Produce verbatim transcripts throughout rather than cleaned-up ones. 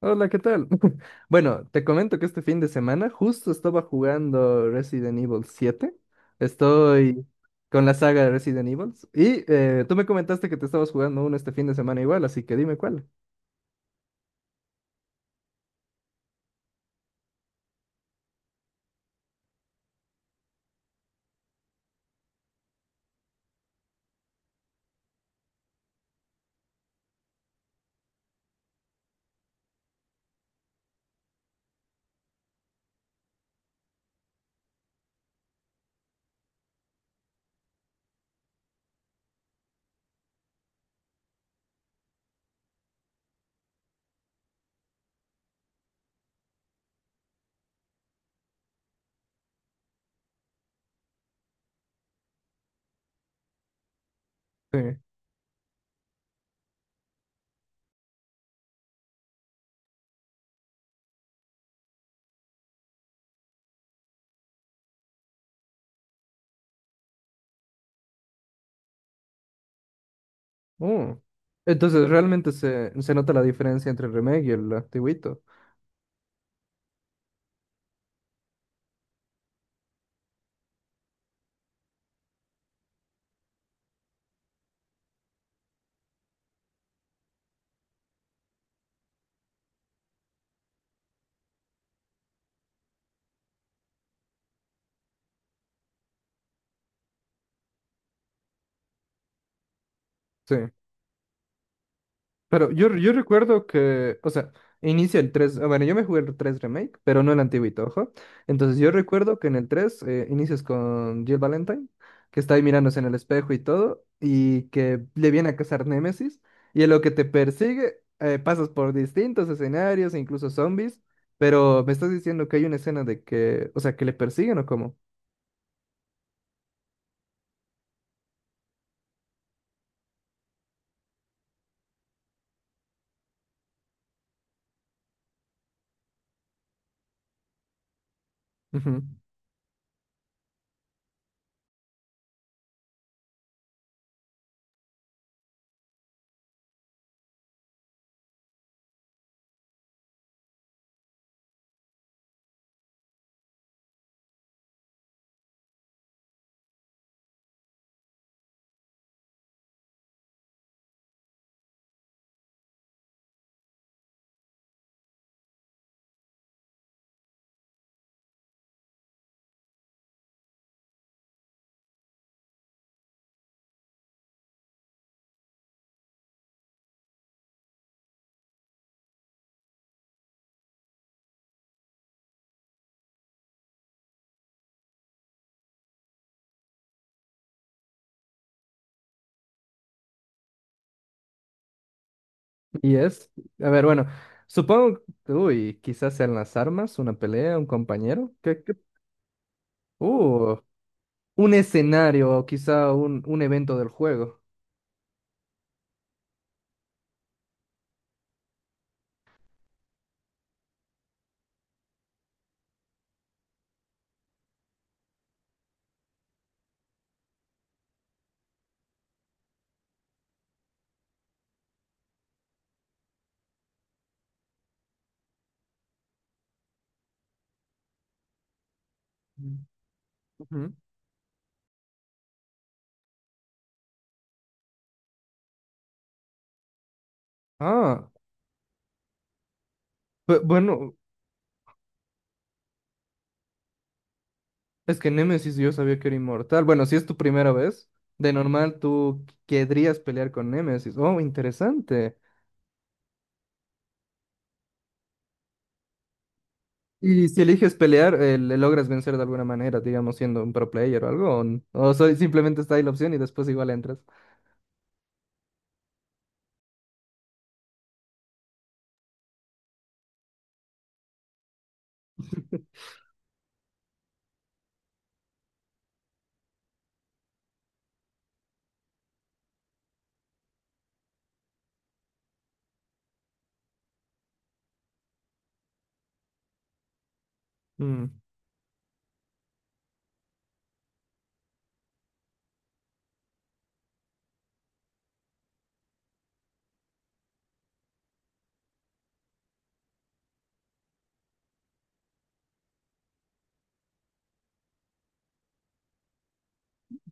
Hola, ¿qué tal? Bueno, te comento que este fin de semana justo estaba jugando Resident Evil siete. Estoy con la saga de Resident Evil. Y eh, tú me comentaste que te estabas jugando uno este fin de semana igual, así que dime cuál. Sí. Oh. Entonces, realmente se, se nota la diferencia entre el remake y el antiguito. Sí. Pero yo, yo recuerdo que, o sea, inicia el tres ah, bueno, yo me jugué el tres Remake, pero no el antiguito, ojo. Entonces yo recuerdo que en el tres eh, inicias con Jill Valentine, que está ahí mirándose en el espejo y todo, y que le viene a cazar Némesis, y en lo que te persigue eh, pasas por distintos escenarios, incluso zombies, pero me estás diciendo que hay una escena de que, o sea, que le persiguen o cómo. Ujú. Y es, a ver, bueno, supongo, uy, quizás sean las armas, una pelea, un compañero. ¿Qué, qué uh, un escenario o quizá un, un evento del juego. Mm. Ujú. Ah, bu- bueno, es que Nemesis yo sabía que era inmortal. Bueno, si es tu primera vez, de normal tú querrías pelear con Nemesis. Oh, interesante. Y si eliges pelear, eh, le logras vencer de alguna manera, digamos, siendo un pro player o algo. O, n- o soy- simplemente está ahí la opción y después igual entras. Mm.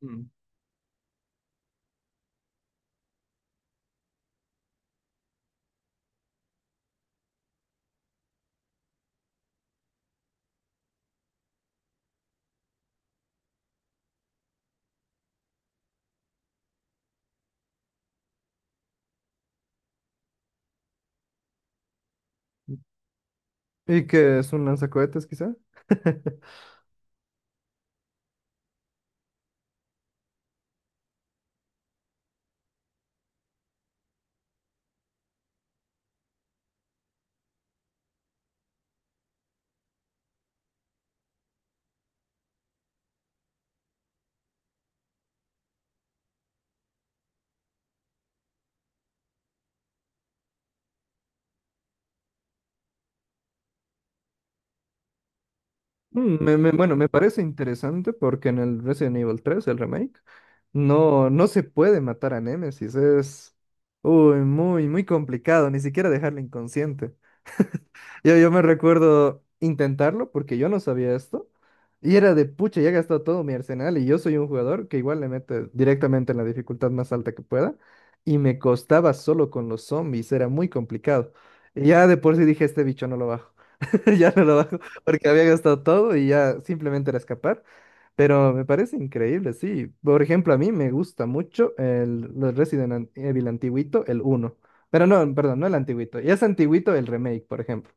Mm. ¿Y que es un lanzacohetes, quizá? Mm, me- me- bueno, me parece interesante porque en el Resident Evil tres, el remake, no, no se puede matar a Nemesis. Es uy, muy, muy complicado, ni siquiera dejarlo inconsciente. Yo, yo me recuerdo intentarlo porque yo no sabía esto. Y era de pucha, ya he gastado todo mi arsenal y yo soy un jugador que igual le mete directamente en la dificultad más alta que pueda. Y me costaba solo con los zombies, era muy complicado. Y ya de por sí dije, este bicho no lo bajo. Ya no lo bajo porque había gastado todo y ya simplemente era escapar. Pero me parece increíble, sí. Por ejemplo, a mí me gusta mucho el, los Resident An- Evil antiguito, el uno. Pero no, perdón, no el antiguito. Ya es antiguito el remake, por ejemplo.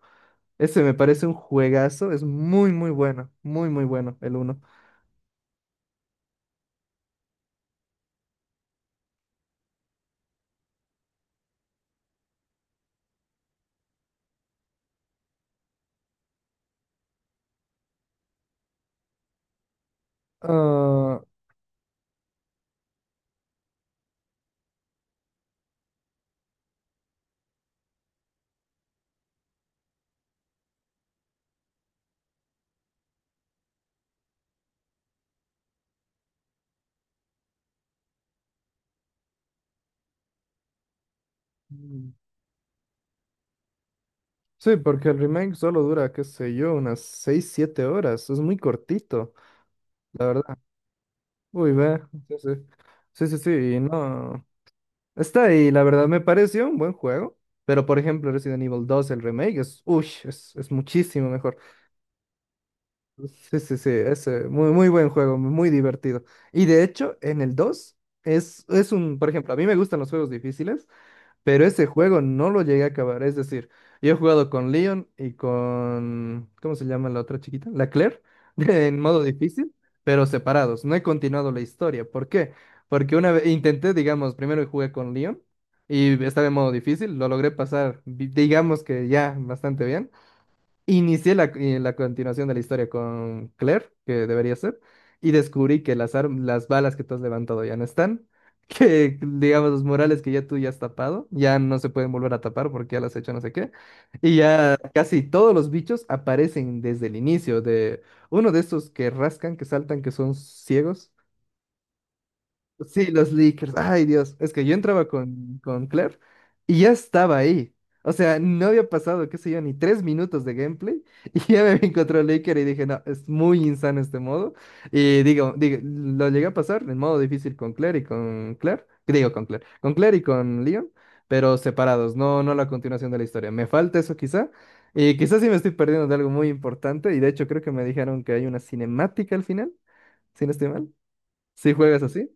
Ese me parece un juegazo, es muy, muy bueno, muy, muy bueno el uno. Ah, mm, sí, porque el remake solo dura, qué sé yo, unas seis siete horas. Es muy cortito, la verdad. Uy, ve. Sí, sí. Sí, sí, sí, y no. Está ahí, la verdad, me pareció un buen juego. Pero, por ejemplo, Resident Evil dos el remake, es, uy, es, es muchísimo mejor. Sí, sí, sí, es eh, muy, muy buen juego, muy divertido. Y de hecho, en el dos es, es un, por ejemplo, a mí me gustan los juegos difíciles. Pero ese juego no lo llegué a acabar. Es decir, yo he jugado con Leon y con... ¿Cómo se llama la otra chiquita? La Claire, en modo difícil, pero separados. No he continuado la historia. ¿Por qué? Porque una vez intenté, digamos, primero jugué con Leon y estaba en modo difícil, lo logré pasar, vi- digamos que ya bastante bien. Inicié la, eh, la continuación de la historia con Claire, que debería ser, y descubrí que las, arm- las balas que tú has levantado ya no están, que digamos los murales que ya tú ya has tapado, ya no se pueden volver a tapar porque ya las has hecho no sé qué, y ya casi todos los bichos aparecen desde el inicio de uno de estos que rascan, que saltan, que son ciegos. Sí, los leakers. Ay, Dios. Es que yo entraba con, con Claire y ya estaba ahí. O sea, no había pasado, qué sé yo, ni tres minutos de gameplay y ya me encontró el leaker y dije, no, es muy insano este modo. Y digo, digo, lo llegué a pasar en modo difícil con Claire y con Claire. Digo, con Claire. Con Claire y con Leon, pero separados, no, no la continuación de la historia. Me falta eso quizá. Y quizás sí me estoy perdiendo de algo muy importante y de hecho creo que me dijeron que hay una cinemática al final, si no estoy mal. Si juegas así.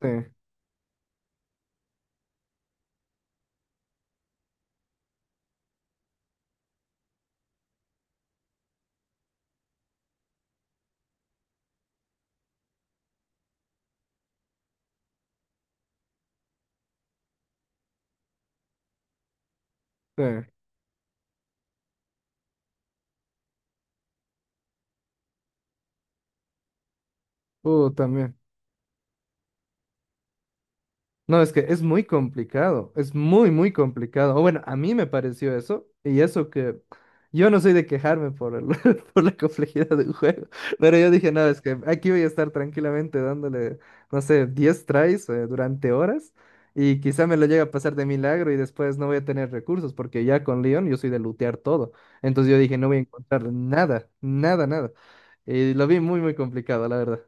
Sí. Sí. Uh, también. No, es que es muy complicado, es muy, muy complicado. O bueno, a mí me pareció eso, y eso que yo no soy de quejarme por el, por la complejidad del juego, pero yo dije, no, es que aquí voy a estar tranquilamente dándole, no sé, diez tries eh, durante horas, y quizá me lo llegue a pasar de milagro y después no voy a tener recursos, porque ya con Leon yo soy de lootear todo. Entonces yo dije, no voy a encontrar nada, nada, nada. Y lo vi muy, muy complicado, la verdad.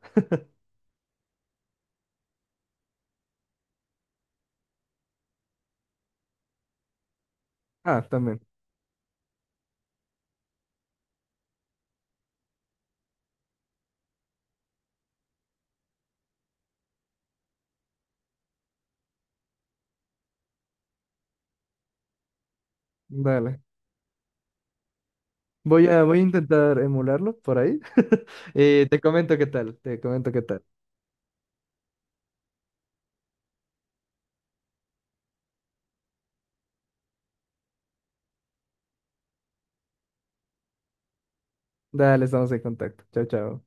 Ah, también. Dale. Voy a, voy a intentar emularlo por ahí. Y te comento qué tal, te comento qué tal. Dale, estamos en contacto. Chao, chao.